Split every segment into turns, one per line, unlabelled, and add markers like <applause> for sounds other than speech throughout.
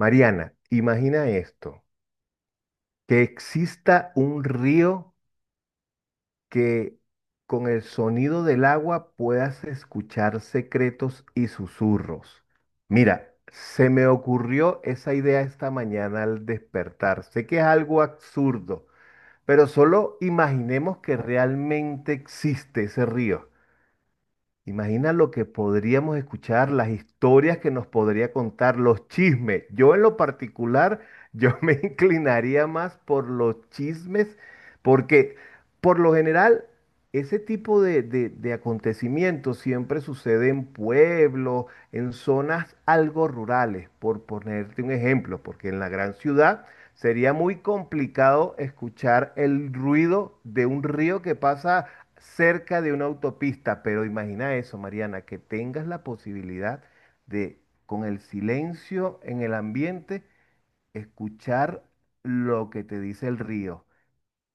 Mariana, imagina esto, que exista un río que con el sonido del agua puedas escuchar secretos y susurros. Mira, se me ocurrió esa idea esta mañana al despertar. Sé que es algo absurdo, pero solo imaginemos que realmente existe ese río. Imagina lo que podríamos escuchar, las historias que nos podría contar, los chismes. Yo en lo particular, yo <laughs> me inclinaría más por los chismes, porque por lo general ese tipo de acontecimientos siempre sucede en pueblos, en zonas algo rurales, por ponerte un ejemplo, porque en la gran ciudad sería muy complicado escuchar el ruido de un río que pasa cerca de una autopista, pero imagina eso, Mariana, que tengas la posibilidad de, con el silencio en el ambiente, escuchar lo que te dice el río.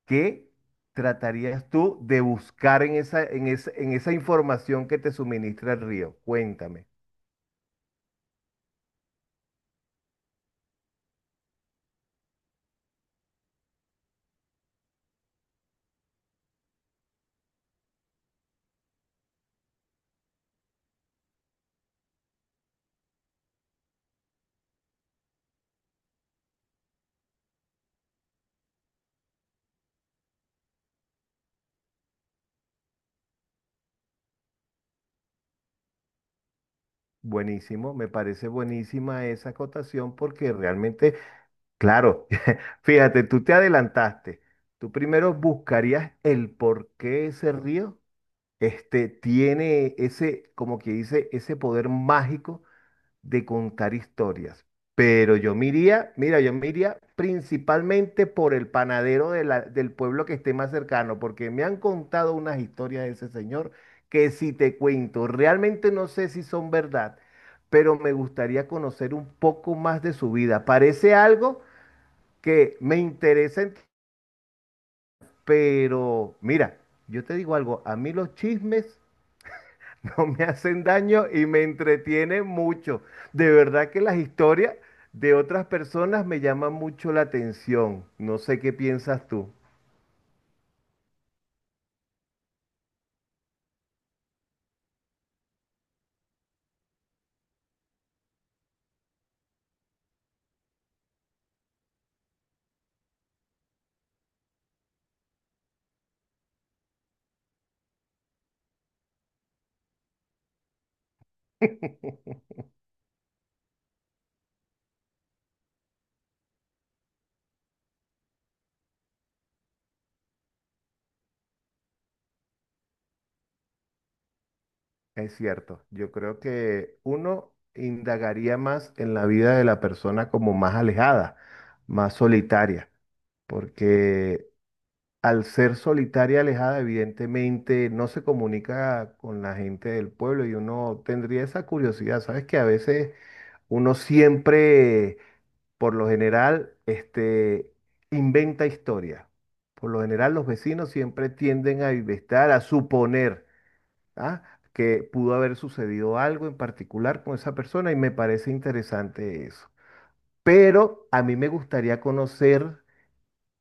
¿Qué tratarías tú de buscar en esa información que te suministra el río? Cuéntame. Buenísimo, me parece buenísima esa acotación porque realmente, claro, <laughs> fíjate, tú te adelantaste. Tú primero buscarías el por qué ese río este, tiene ese, como que dice, ese poder mágico de contar historias. Pero yo me iría, mira, yo me iría principalmente por el panadero de del pueblo que esté más cercano, porque me han contado unas historias de ese señor que si te cuento, realmente no sé si son verdad, pero me gustaría conocer un poco más de su vida. Parece algo que me interesa, pero mira, yo te digo algo, a mí los chismes <laughs> no me hacen daño y me entretienen mucho. De verdad que las historias de otras personas me llaman mucho la atención. No sé qué piensas tú. <laughs> Es cierto, yo creo que uno indagaría más en la vida de la persona como más alejada, más solitaria, porque al ser solitaria, alejada, evidentemente no se comunica con la gente del pueblo y uno tendría esa curiosidad, ¿sabes? Que a veces uno siempre por lo general, este, inventa historia. Por lo general, los vecinos siempre tienden a inventar, a suponer, ¿ah? Que pudo haber sucedido algo en particular con esa persona y me parece interesante eso. Pero a mí me gustaría conocer,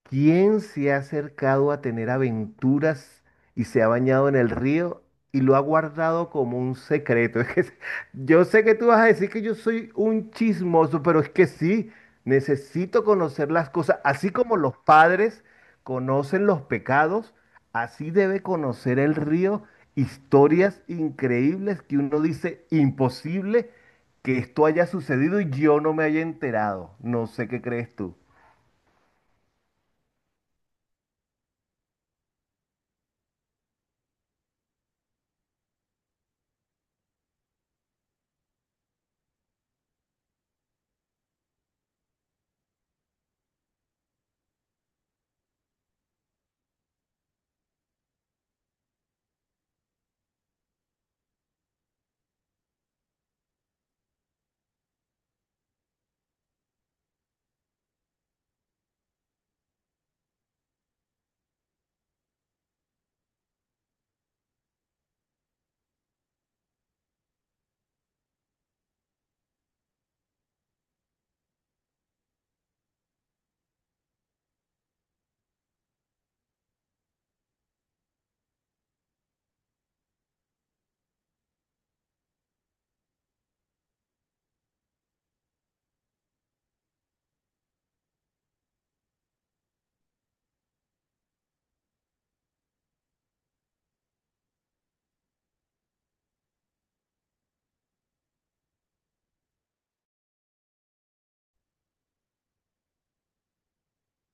¿quién se ha acercado a tener aventuras y se ha bañado en el río y lo ha guardado como un secreto? <laughs> Es que yo sé que tú vas a decir que yo soy un chismoso, pero es que sí, necesito conocer las cosas. Así como los padres conocen los pecados, así debe conocer el río historias increíbles que uno dice imposible que esto haya sucedido y yo no me haya enterado. No sé qué crees tú.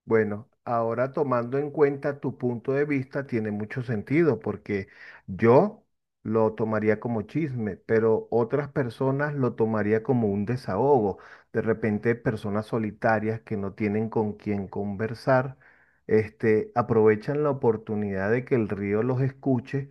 Bueno, ahora tomando en cuenta tu punto de vista, tiene mucho sentido porque yo lo tomaría como chisme, pero otras personas lo tomaría como un desahogo. De repente, personas solitarias que no tienen con quién conversar, este, aprovechan la oportunidad de que el río los escuche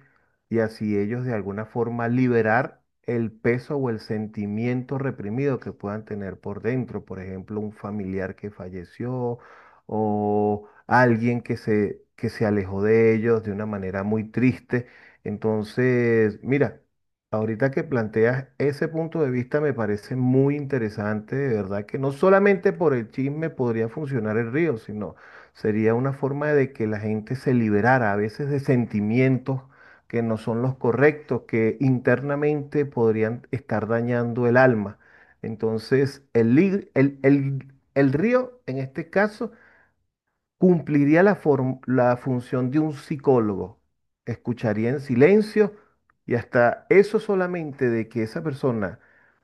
y así ellos de alguna forma liberar el peso o el sentimiento reprimido que puedan tener por dentro. Por ejemplo, un familiar que falleció o alguien que se alejó de ellos de una manera muy triste. Entonces, mira, ahorita que planteas ese punto de vista me parece muy interesante, de verdad que no solamente por el chisme podría funcionar el río, sino sería una forma de que la gente se liberara a veces de sentimientos que no son los correctos, que internamente podrían estar dañando el alma. Entonces, el, li- el río, en este caso, cumpliría la, la función de un psicólogo. Escucharía en silencio y hasta eso solamente de que esa persona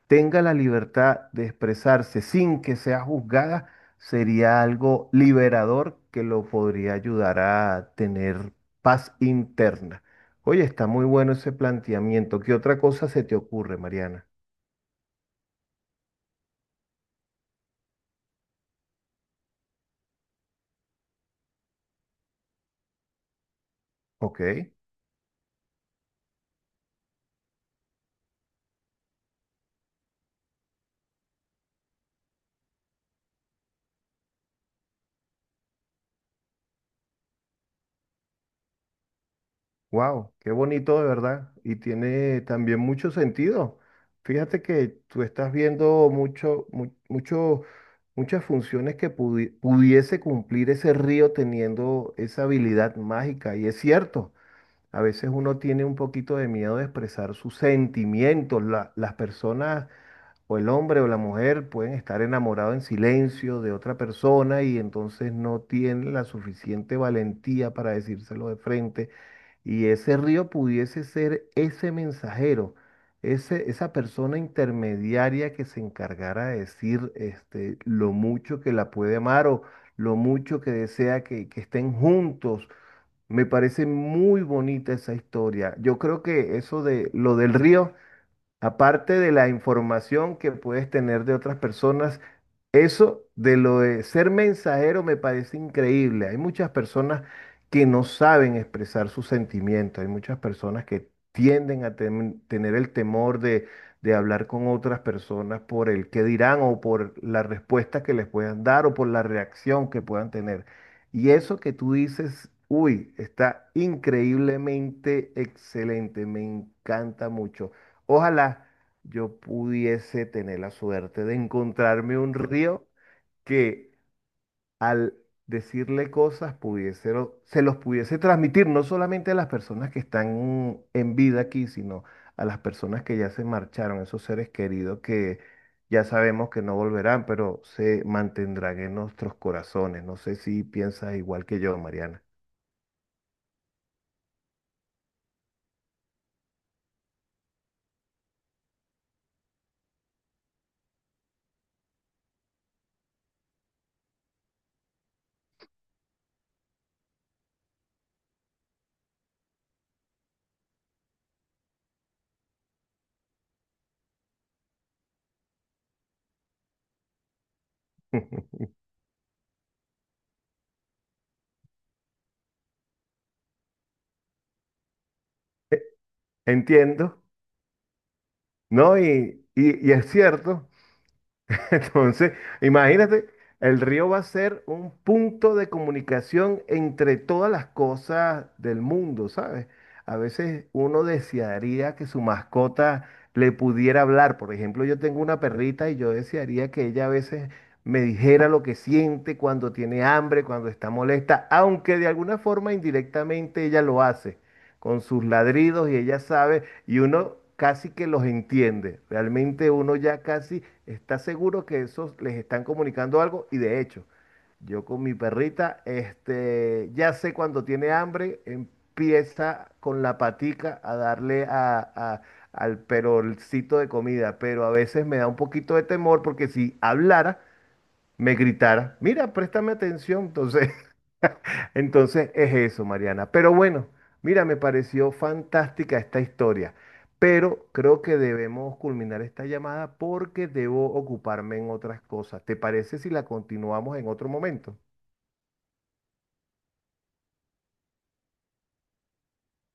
tenga la libertad de expresarse sin que sea juzgada sería algo liberador que lo podría ayudar a tener paz interna. Oye, está muy bueno ese planteamiento. ¿Qué otra cosa se te ocurre, Mariana? Ok. Wow, qué bonito de verdad. Y tiene también mucho sentido. Fíjate que tú estás viendo muchas funciones que pudiese cumplir ese río teniendo esa habilidad mágica. Y es cierto, a veces uno tiene un poquito de miedo de expresar sus sentimientos. Las personas, o el hombre o la mujer, pueden estar enamorados en silencio de otra persona y entonces no tienen la suficiente valentía para decírselo de frente y ese río pudiese ser ese mensajero, ese, esa persona intermediaria que se encargara de decir este, lo mucho que la puede amar o lo mucho que desea que estén juntos. Me parece muy bonita esa historia. Yo creo que eso de lo del río, aparte de la información que puedes tener de otras personas, eso de lo de ser mensajero me parece increíble. Hay muchas personas que no saben expresar sus sentimientos, hay muchas personas que tienden a tener el temor de hablar con otras personas por el qué dirán o por la respuesta que les puedan dar o por la reacción que puedan tener. Y eso que tú dices, uy, está increíblemente excelente, me encanta mucho. Ojalá yo pudiese tener la suerte de encontrarme un río que al decirle cosas pudiese, se los pudiese transmitir no solamente a las personas que están en vida aquí, sino a las personas que ya se marcharon, esos seres queridos que ya sabemos que no volverán, pero se mantendrán en nuestros corazones. No sé si piensas igual que yo, Mariana. <laughs> Entiendo, ¿no? Y es cierto. <laughs> Entonces, imagínate, el río va a ser un punto de comunicación entre todas las cosas del mundo, ¿sabes? A veces uno desearía que su mascota le pudiera hablar. Por ejemplo, yo tengo una perrita y yo desearía que ella a veces me dijera lo que siente cuando tiene hambre, cuando está molesta, aunque de alguna forma indirectamente ella lo hace con sus ladridos y ella sabe y uno casi que los entiende. Realmente uno ya casi está seguro que esos les están comunicando algo y de hecho, yo con mi perrita, este, ya sé cuando tiene hambre, empieza con la patica a darle al perolcito de comida, pero a veces me da un poquito de temor porque si hablara, me gritara, mira, préstame atención, entonces es eso, Mariana. Pero bueno, mira, me pareció fantástica esta historia, pero creo que debemos culminar esta llamada porque debo ocuparme en otras cosas. ¿Te parece si la continuamos en otro momento?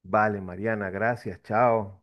Vale, Mariana, gracias, chao.